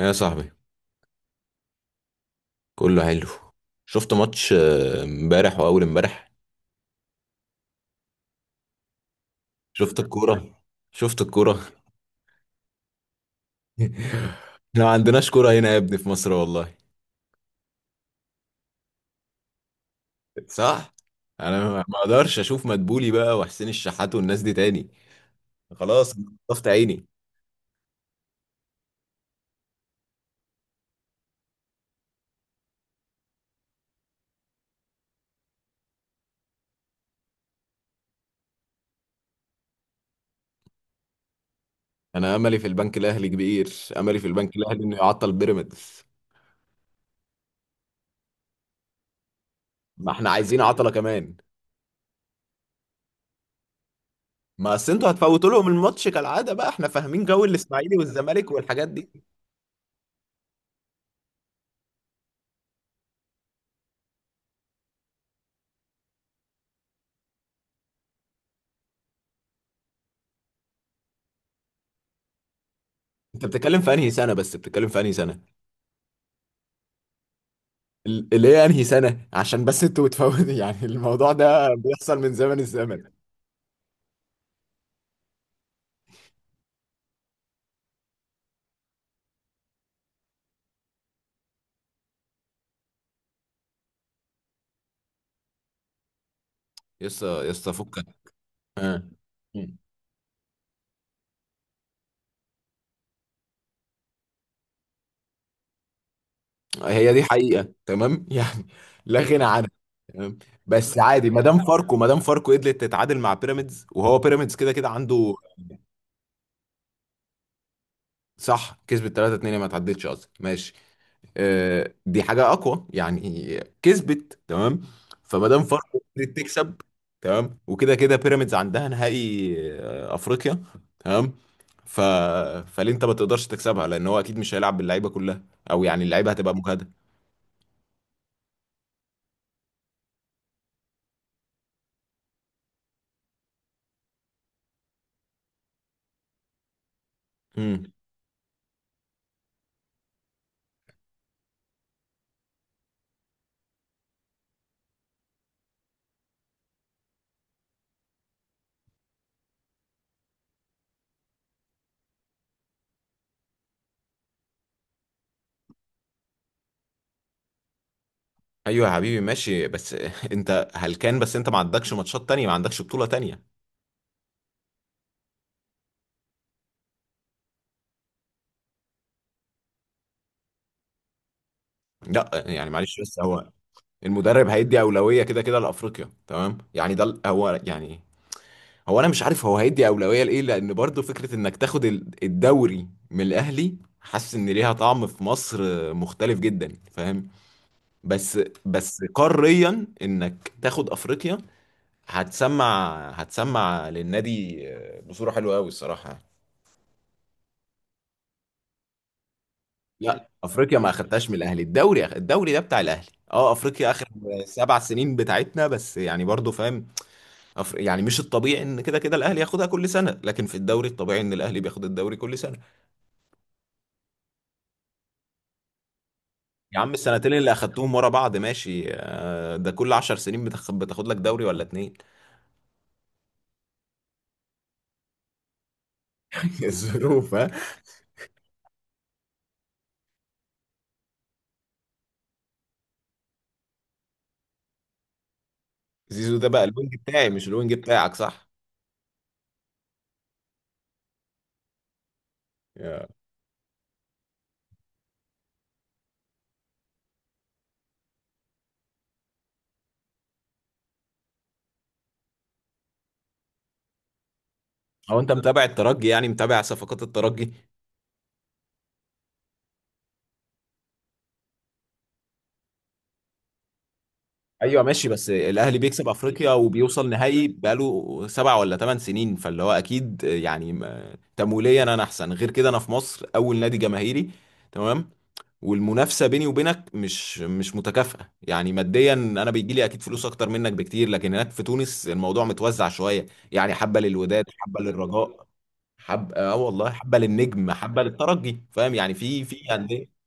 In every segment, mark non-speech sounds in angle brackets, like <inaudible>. يا صاحبي، كله حلو. شفت ماتش امبارح واول امبارح. شفت الكوره، شفت الكوره. <laughs> احنا ما عندناش كوره هنا يا ابني في مصر والله. صح. انا ما اقدرش اشوف مدبولي بقى وحسين الشحات والناس دي تاني. خلاص أنا طفت عيني. انا املي في البنك الاهلي كبير، املي في البنك الاهلي انه يعطل بيراميدز. ما احنا عايزين عطله كمان. ما اصل انتوا هتفوتوا لهم الماتش كالعاده، بقى احنا فاهمين جو الاسماعيلي والزمالك والحاجات دي. انت بتتكلم في انهي سنه؟ بس بتتكلم في انهي سنه؟ اللي هي انهي سنة، عشان بس انتوا بتفوتوا. <laughs> يعني الموضوع ده بيحصل من زمن الزمن. يسطا يسطا فكك. آه. مم. هي دي حقيقة، تمام. <laughs> يعني لا غنى عنها. تمام. بس عادي، ما دام فاركو قدرت تتعادل مع بيراميدز، وهو بيراميدز كده كده عنده. صح، كسبت 3-2، ما تعدتش اصلا، ماشي. آه، دي حاجة أقوى يعني، كسبت، تمام. فما دام فاركو قدرت تكسب، تمام. وكده كده بيراميدز عندها نهائي، أفريقيا. تمام. ف... فليه أنت ما تقدرش تكسبها؟ لأن هو أكيد مش هيلعب باللعيبة كلها، أو يعني اللعيبة هتبقى مجهدة. امم. أيوه يا حبيبي، ماشي. بس <laughs> أنت هلكان؟ بس أنت ما عندكش ماتشات تانية، ما عندكش بطولة تانية. لا يعني معلش، بس هو المدرب هيدي أولوية كده كده لأفريقيا، تمام يعني. ده هو يعني. هو انا مش عارف هو هيدي اولويه لايه، لان برضو فكره انك تاخد الدوري من الاهلي، حاسس ان ليها طعم في مصر مختلف جدا، فاهم. بس بس قاريا انك تاخد افريقيا، هتسمع هتسمع للنادي بصوره حلوه قوي الصراحه. لا، افريقيا ما اخدتهاش من الاهلي. الدوري الدوري ده بتاع الاهلي. اه افريقيا اخر 7 سنين بتاعتنا، بس يعني برضو فاهم. يعني مش الطبيعي ان كده كده الاهلي ياخدها كل سنه، لكن في الدوري الطبيعي ان الاهلي بياخد الدوري كل سنه. يا عم، السنتين اللي اخدتهم ورا بعض، ماشي، ده كل 10 سنين بتاخد لك دوري ولا اتنين. <laughs> الظروف، ها. زيزو ده بقى الوينج بتاعي، مش الوينج بتاعك، صح؟ يا. هو انت متابع الترجي، يعني متابع صفقات الترجي؟ ايوه ماشي. بس الاهلي بيكسب افريقيا وبيوصل نهائي بقاله 7 ولا 8 سنين، فاللي هو اكيد يعني تمويليا انا احسن. غير كده انا في مصر اول نادي جماهيري، تمام. والمنافسه بيني وبينك مش متكافئه يعني، ماديا انا بيجي لي اكيد فلوس اكتر منك بكتير، لكن هناك في تونس الموضوع متوزع شويه. يعني حبه للوداد، حبه للرجاء، حبه، اه والله، حبه للنجم، حبه للترجي، فاهم يعني، في انديه.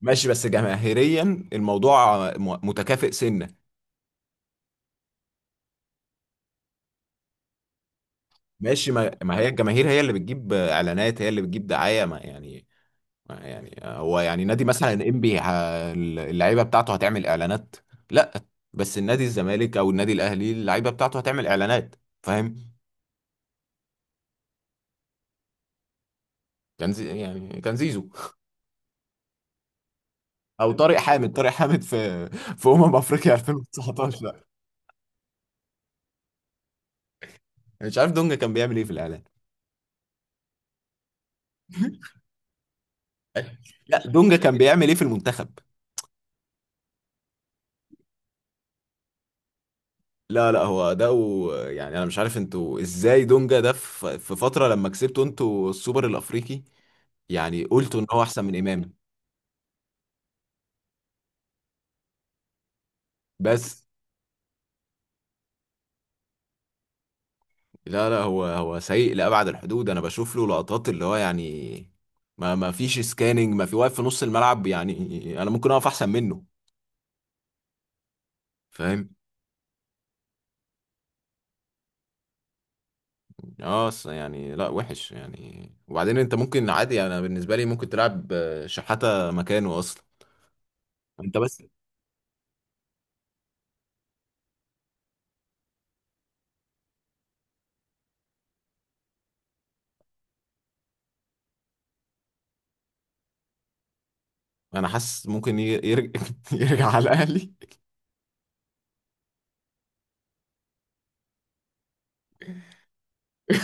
ماشي، بس جماهيريا الموضوع متكافئ سنه. ماشي، ما هي الجماهير هي اللي بتجيب اعلانات، هي اللي بتجيب دعايه، ما يعني. ما يعني هو يعني، نادي مثلا انبي اللعيبه بتاعته هتعمل اعلانات؟ لا. بس النادي الزمالك او النادي الاهلي اللعيبه بتاعته هتعمل اعلانات، فاهم. كان زي، يعني كان زيزو، او طارق حامد. طارق حامد في افريقيا 2019. لا مش عارف دونجا كان بيعمل ايه في الاعلان. لا دونجا كان بيعمل ايه في المنتخب؟ لا لا، هو ده يعني انا مش عارف انتوا ازاي دونجا ده في فتره لما كسبتوا انتوا السوبر الافريقي، يعني قلتوا ان هو احسن من امام. بس. لا لا، هو سيء لابعد الحدود. انا بشوف له لقطات اللي هو يعني ما فيش سكاننج، ما في، واقف في نص الملعب، يعني انا ممكن اقف احسن منه، فاهم. اه أصل يعني، لا وحش يعني. وبعدين انت ممكن عادي، انا بالنسبه لي ممكن تلعب شحاته مكانه اصلا. انت بس. انا حاسس ممكن يرجع. <laughs> يرجع على الاهلي.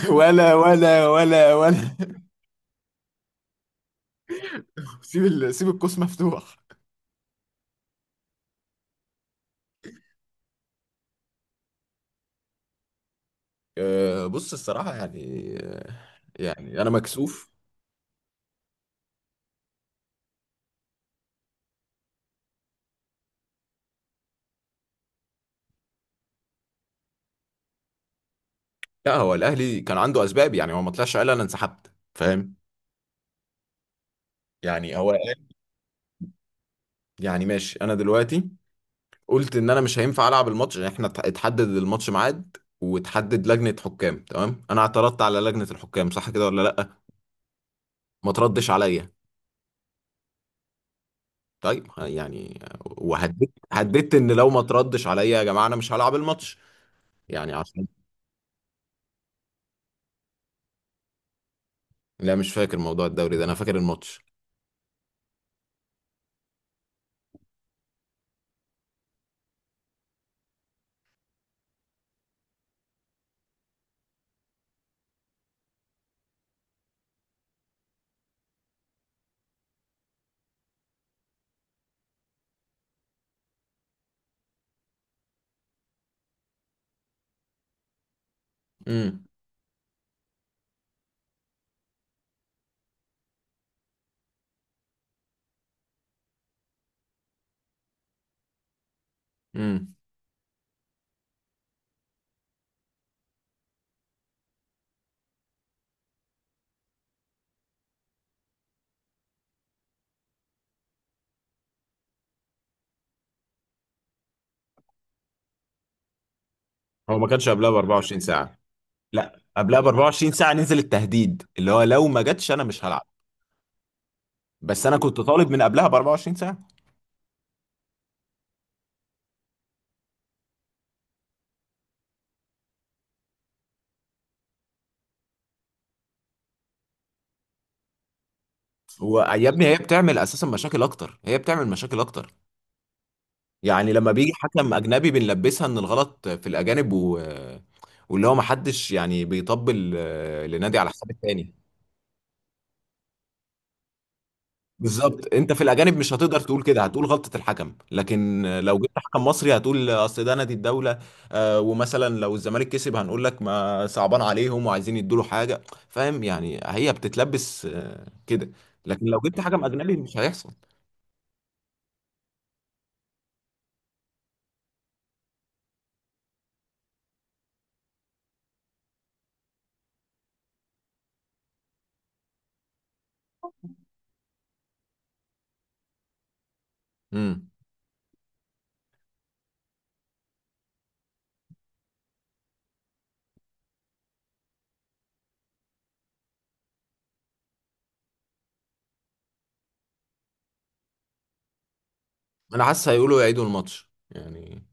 ولا ولا ولا ولا. <laughs> سيب القوس مفتوح. آه، بص الصراحة، يعني، يعني أنا مكسوف. لا، هو الأهلي كان عنده أسباب، يعني هو ما طلعش قال أنا انسحبت، فاهم. يعني هو يعني ماشي. أنا دلوقتي قلت إن أنا مش هينفع ألعب الماتش. يعني إحنا اتحدد الماتش ميعاد، وتحدد لجنة حكام، تمام. أنا اعترضت على لجنة الحكام، صح كده ولا لأ؟ ما تردش عليا. طيب، يعني وهددت، هددت إن لو ما تردش عليا يا جماعة، أنا مش هلعب الماتش، يعني عشان. لا مش فاكر موضوع الدوري ده، انا فاكر الماتش. امم امم هو ما كانش قبلها ب 24 ساعه. لا قبلها ب 24 ساعه نزل التهديد، اللي هو لو ما جاتش انا مش هلعب. بس انا كنت طالب من قبلها ب 24 ساعه. ويا ابني، هي بتعمل اساسا مشاكل اكتر، هي بتعمل مشاكل اكتر. يعني لما بيجي حكم اجنبي بنلبسها ان الغلط في الاجانب واللي هو ما حدش يعني بيطبل لنادي على حساب التاني. بالظبط، انت في الاجانب مش هتقدر تقول كده، هتقول غلطة الحكم. لكن لو جبت حكم مصري هتقول اصل ده نادي الدولة. آه، ومثلا لو الزمالك كسب هنقول لك ما صعبان عليهم وعايزين يدوا له حاجة، فاهم. يعني هي بتتلبس كده. لكن لو جبت حكم اجنبي مش هيحصل. امم. انا حاسس هيقولوا يعيدوا الماتش يعني.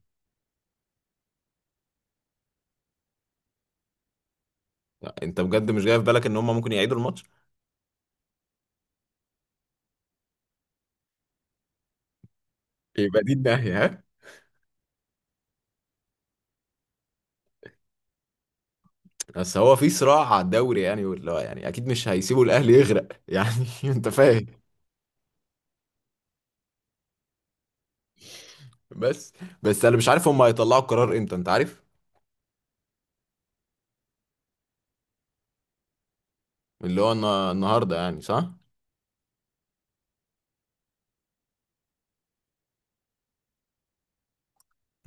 لا، انت بجد مش جاي في بالك ان هم ممكن يعيدوا الماتش؟ يبقى دي الناحية، ها. <laughs> بس هو في صراع على الدوري يعني، واللي هو يعني اكيد مش هيسيبوا الاهلي يغرق يعني. <laughs> انت فاهم. بس بس انا مش عارف هم هيطلعوا القرار امتى، انت عارف. اللي هو النهارده يعني، صح.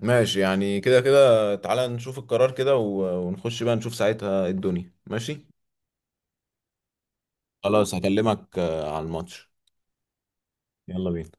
ماشي يعني كده كده، تعالى نشوف القرار كده ونخش بقى نشوف ساعتها إيه الدنيا، ماشي. خلاص هكلمك على الماتش، يلا بينا.